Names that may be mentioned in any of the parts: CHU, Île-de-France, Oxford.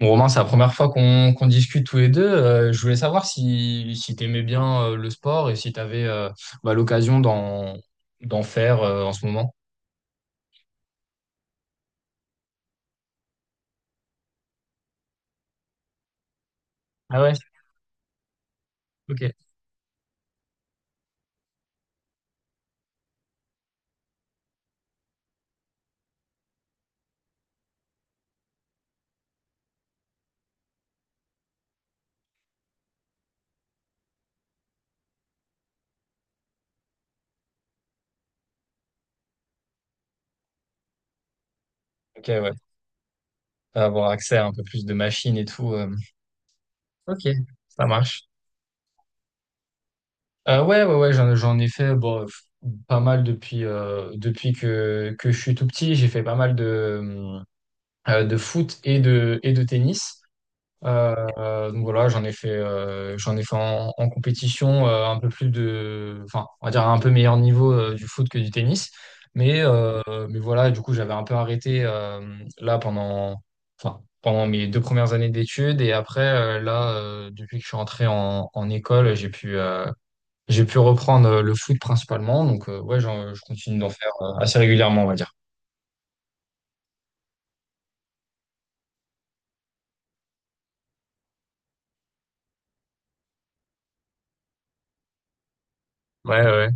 Bon, Romain, c'est la première fois qu'on discute tous les deux. Je voulais savoir si tu aimais bien le sport et si tu avais l'occasion d'en faire en ce moment. Ah ouais, ok. Ok, ouais. Avoir accès à un peu plus de machines et tout. Ok, ça marche. Ouais, ouais, ouais, j'en ai fait bon, pas mal depuis, depuis que je suis tout petit. J'ai fait pas mal de foot et et de tennis. Donc voilà, j'en ai fait en compétition un peu plus enfin, on va dire à un peu meilleur niveau du foot que du tennis. Mais, euh, mais voilà, du coup, j'avais un peu arrêté là pendant mes deux premières années d'études. Et après, là, depuis que je suis rentré en école, j'ai pu reprendre le foot principalement. Donc, ouais, je continue d'en faire assez régulièrement, on va dire. Ouais, ouais.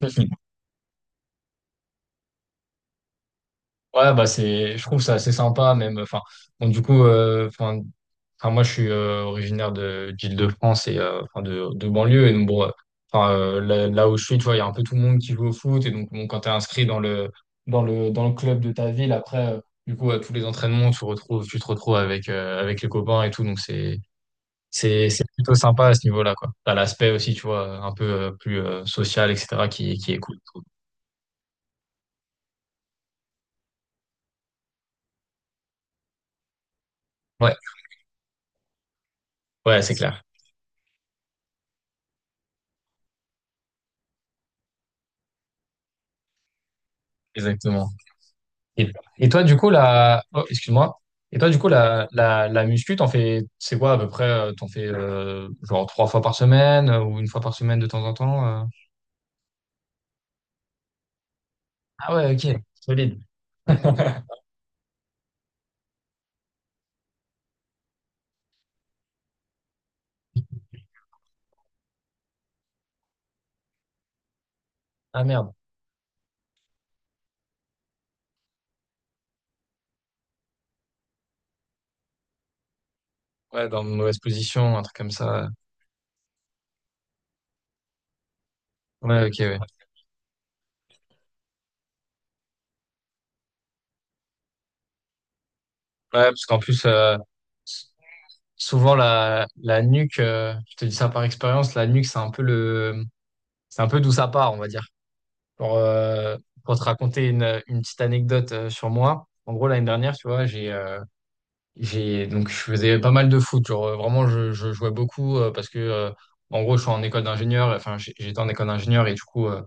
Ouais, bah je trouve ça assez sympa même. Enfin, bon, du coup, enfin, moi je suis originaire de d'Île-de-France et enfin de banlieue et donc bon, enfin là où je suis, tu vois, il y a un peu tout le monde qui joue au foot et donc bon, quand t'es inscrit dans le club de ta ville, après du coup à tous les entraînements, tu te retrouves avec les copains et tout, donc c'est plutôt sympa à ce niveau-là quoi. T'as l'aspect aussi, tu vois, un peu plus social, etc. qui est cool. Ouais, ouais, c'est clair, exactement. Et, et toi, du coup, oh, excuse-moi. Et toi, du coup, la muscu, t'en fais, c'est quoi à peu près? T'en fais genre trois fois par semaine ou une fois par semaine de temps en temps? Ah ouais, ok, solide. Ah merde. Ouais, dans une mauvaise position, un truc comme ça. Ouais, ok, ouais. Ouais, parce qu'en plus, s- souvent la nuque, je te dis ça par expérience, la nuque, c'est un peu d'où ça part, on va dire. Pour, euh, pour te raconter une petite anecdote sur moi. En gros, l'année dernière, tu vois, j'ai donc je faisais pas mal de foot, genre vraiment je jouais beaucoup parce que en gros je suis en école d'ingénieur, enfin j'étais en école d'ingénieur et du coup euh,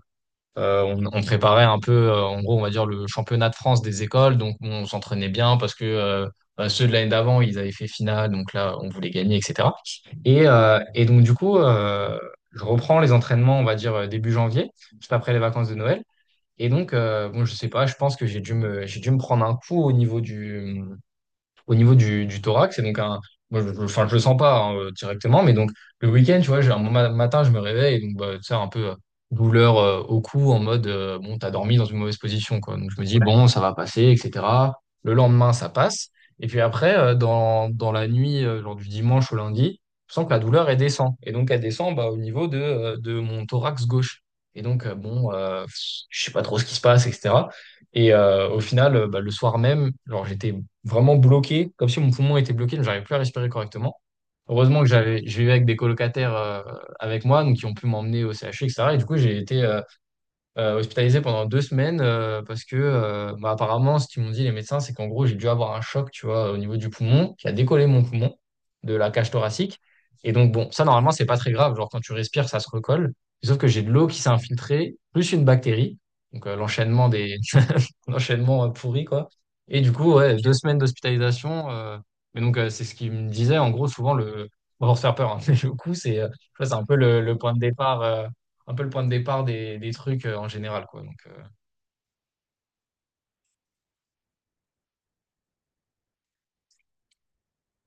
euh, on préparait un peu en gros on va dire le championnat de France des écoles, donc on s'entraînait bien parce que bah, ceux de l'année d'avant ils avaient fait finale, donc là on voulait gagner etc. Et donc du coup je reprends les entraînements on va dire début janvier, juste après les vacances de Noël. Et donc, bon, je sais pas, je pense que j'ai dû me prendre un coup au niveau du thorax. Et donc, moi, enfin, je le sens pas hein, directement, mais donc le week-end, tu vois, j'ai un matin, je me réveille, et donc bah, tu sais, un peu douleur au cou, en mode bon, t'as dormi dans une mauvaise position, quoi. Donc je me dis bon, ça va passer, etc. Le lendemain, ça passe. Et puis après, dans la nuit, genre du dimanche au lundi, je sens que la douleur, elle descend. Et donc, elle descend bah, au niveau de mon thorax gauche. Et donc, bon, je sais pas trop ce qui se passe, etc. Et au final, bah, le soir même, genre j'étais vraiment bloqué, comme si mon poumon était bloqué, donc j'arrivais plus à respirer correctement. Heureusement que je vivais avec des colocataires avec moi, donc qui ont pu m'emmener au CHU, etc. Et cetera. Et du coup, j'ai été hospitalisé pendant deux semaines parce que, bah, apparemment, ce qu'ils m'ont dit les médecins, c'est qu'en gros, j'ai dû avoir un choc, tu vois, au niveau du poumon, qui a décollé mon poumon de la cage thoracique. Et donc, bon, ça, normalement, c'est pas très grave. Genre, quand tu respires, ça se recolle. Sauf que j'ai de l'eau qui s'est infiltrée, plus une bactérie. Donc, l'enchaînement enchaînement pourri, quoi. Et du coup, ouais, deux semaines d'hospitalisation. Mais donc, c'est ce qu'il me disait. En gros, souvent, on va se faire peur, hein, mais le coup, c'est tu vois, c'est un peu le point de départ, des trucs en général, quoi. Donc,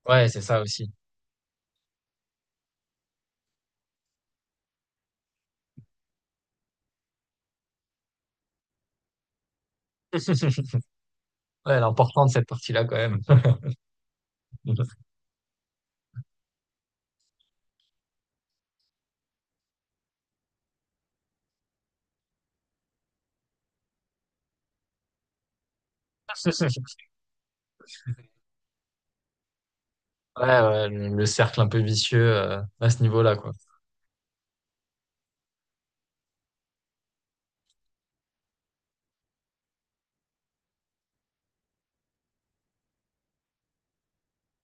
ouais, c'est ça aussi. Ouais, l'important de cette partie-là, quand même. Ouais, ouais, le cercle un peu vicieux à ce niveau-là, quoi.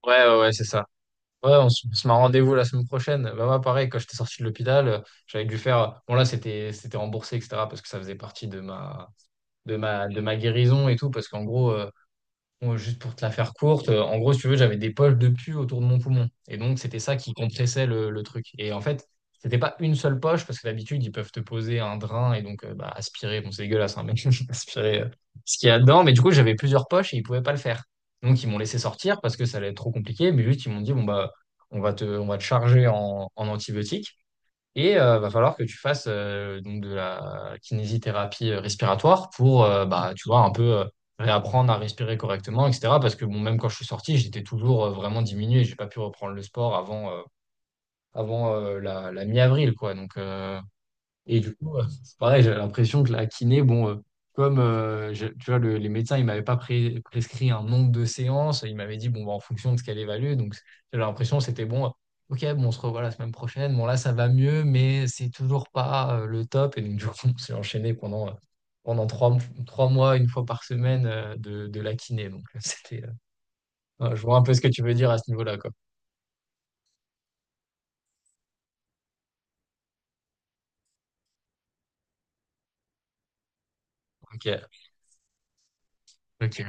Ouais, ouais, ouais, c'est ça. Ouais, on se met un rendez-vous la semaine prochaine. Bah, moi, pareil, quand j'étais sorti de l'hôpital, j'avais dû faire. Bon, là, c'était remboursé, etc., parce que ça faisait partie de ma guérison et tout. Parce qu'en gros, moi, juste pour te la faire courte, en gros, si tu veux, j'avais des poches de pus autour de mon poumon. Et donc, c'était ça qui compressait le truc. Et en fait, c'était pas une seule poche, parce que d'habitude, ils peuvent te poser un drain et donc bah, aspirer. Bon, c'est dégueulasse, hein, mais aspirer ce qu'il y a dedans. Mais du coup, j'avais plusieurs poches et ils pouvaient pas le faire. Donc, ils m'ont laissé sortir parce que ça allait être trop compliqué. Mais juste, ils m'ont dit, bon, bah, on va te charger en antibiotiques. Et va falloir que tu fasses donc de la kinésithérapie respiratoire pour bah, tu vois, un peu réapprendre à respirer correctement, etc. Parce que bon, même quand je suis sorti, j'étais toujours vraiment diminué. J'ai pas pu reprendre le sport avant la mi-avril, quoi. Donc, et du coup, c'est pareil, j'ai l'impression que la kiné, bon, comme tu vois, les médecins, ils m'avaient pas prescrit un nombre de séances, ils m'avaient dit, bon, bah, en fonction de ce qu'elle évalue. Donc, j'ai l'impression que c'était bon, ok, bon, on se revoit la semaine prochaine. Bon, là, ça va mieux, mais c'est toujours pas le top. Et donc, du coup, on s'est enchaîné pendant trois mois, une fois par semaine, de la kiné. Donc, c'était, ouais, je vois un peu ce que tu veux dire à ce niveau-là, quoi. Ok, ok,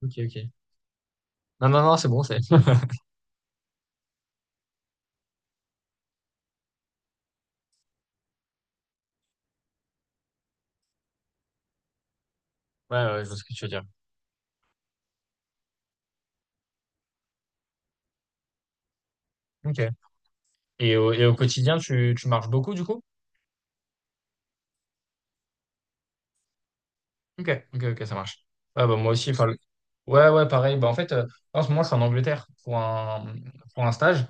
ok, ok. Non, non, non, c'est bon, c'est. Ouais, ouais, je vois ce que tu veux dire. Ok. Et au quotidien, tu marches beaucoup du coup? Ok, ok, ok, ça marche. Ouais, bah, moi aussi, enfin, ouais, ouais, pareil. Bah, en fait, en ce moment, je suis en Angleterre pour un, stage.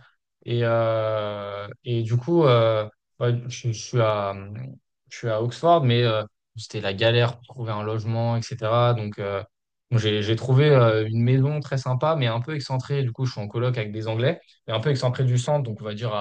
Et du coup, ouais, je suis à Oxford, mais c'était la galère pour trouver un logement, etc. Donc, euh, donc j'ai trouvé une maison très sympa, mais un peu excentrée. Du coup, je suis en coloc avec des Anglais, et un peu excentrée du centre, donc on va dire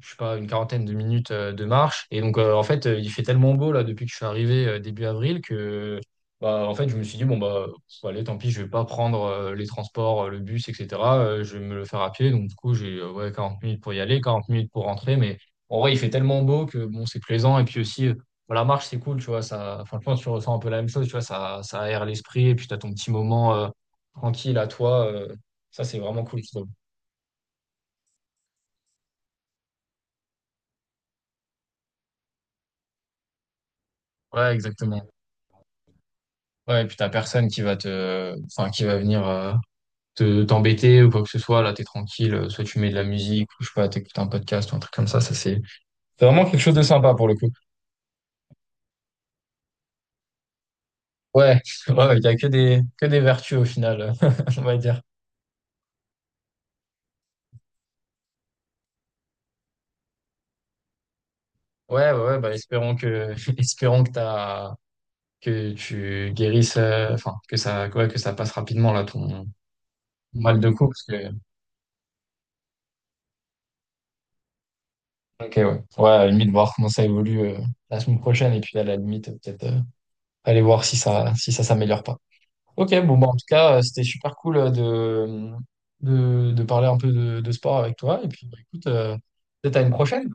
je sais pas, une quarantaine de minutes de marche. Et donc, en fait, il fait tellement beau là depuis que je suis arrivé début avril que, bah, en fait, je me suis dit, bon, bah, allez, tant pis, je vais pas prendre les transports, le bus, etc. Je vais me le faire à pied. Donc, du coup, j'ai ouais, 40 minutes pour y aller, 40 minutes pour rentrer. Mais en vrai, il fait tellement beau que, bon, c'est plaisant. Et puis aussi, bon, la marche, c'est cool, tu vois. Ça, enfin, je pense que tu ressens un peu la même chose, tu vois. Ça aère l'esprit. Et puis, tu as ton petit moment tranquille à toi. Ça, c'est vraiment cool, je trouve. Ouais, exactement. Ouais, et puis t'as personne qui va venir te t'embêter ou quoi que ce soit. Là, t'es tranquille. Soit tu mets de la musique, ou je sais pas, t'écoutes un podcast ou un truc comme ça. Ça, c'est vraiment quelque chose de sympa pour le coup. Ouais, ouais, il y a que des vertus au final, on va dire. Ouais, ouais, ouais, bah espérons que espérons que t'as que tu guérisses, enfin que ça, ouais, que ça passe rapidement là ton mal de cou parce que. Ok, ouais. Ouais, à la limite voir comment ça évolue la semaine prochaine et puis à la limite peut-être aller voir si ça s'améliore pas. Ok, bon, bah, en tout cas, c'était super cool de parler un peu de sport avec toi. Et puis, bah, écoute, peut-être à une prochaine.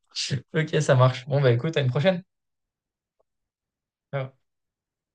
Ok, ça marche. Bon, bah, écoute, à une prochaine. Ciao.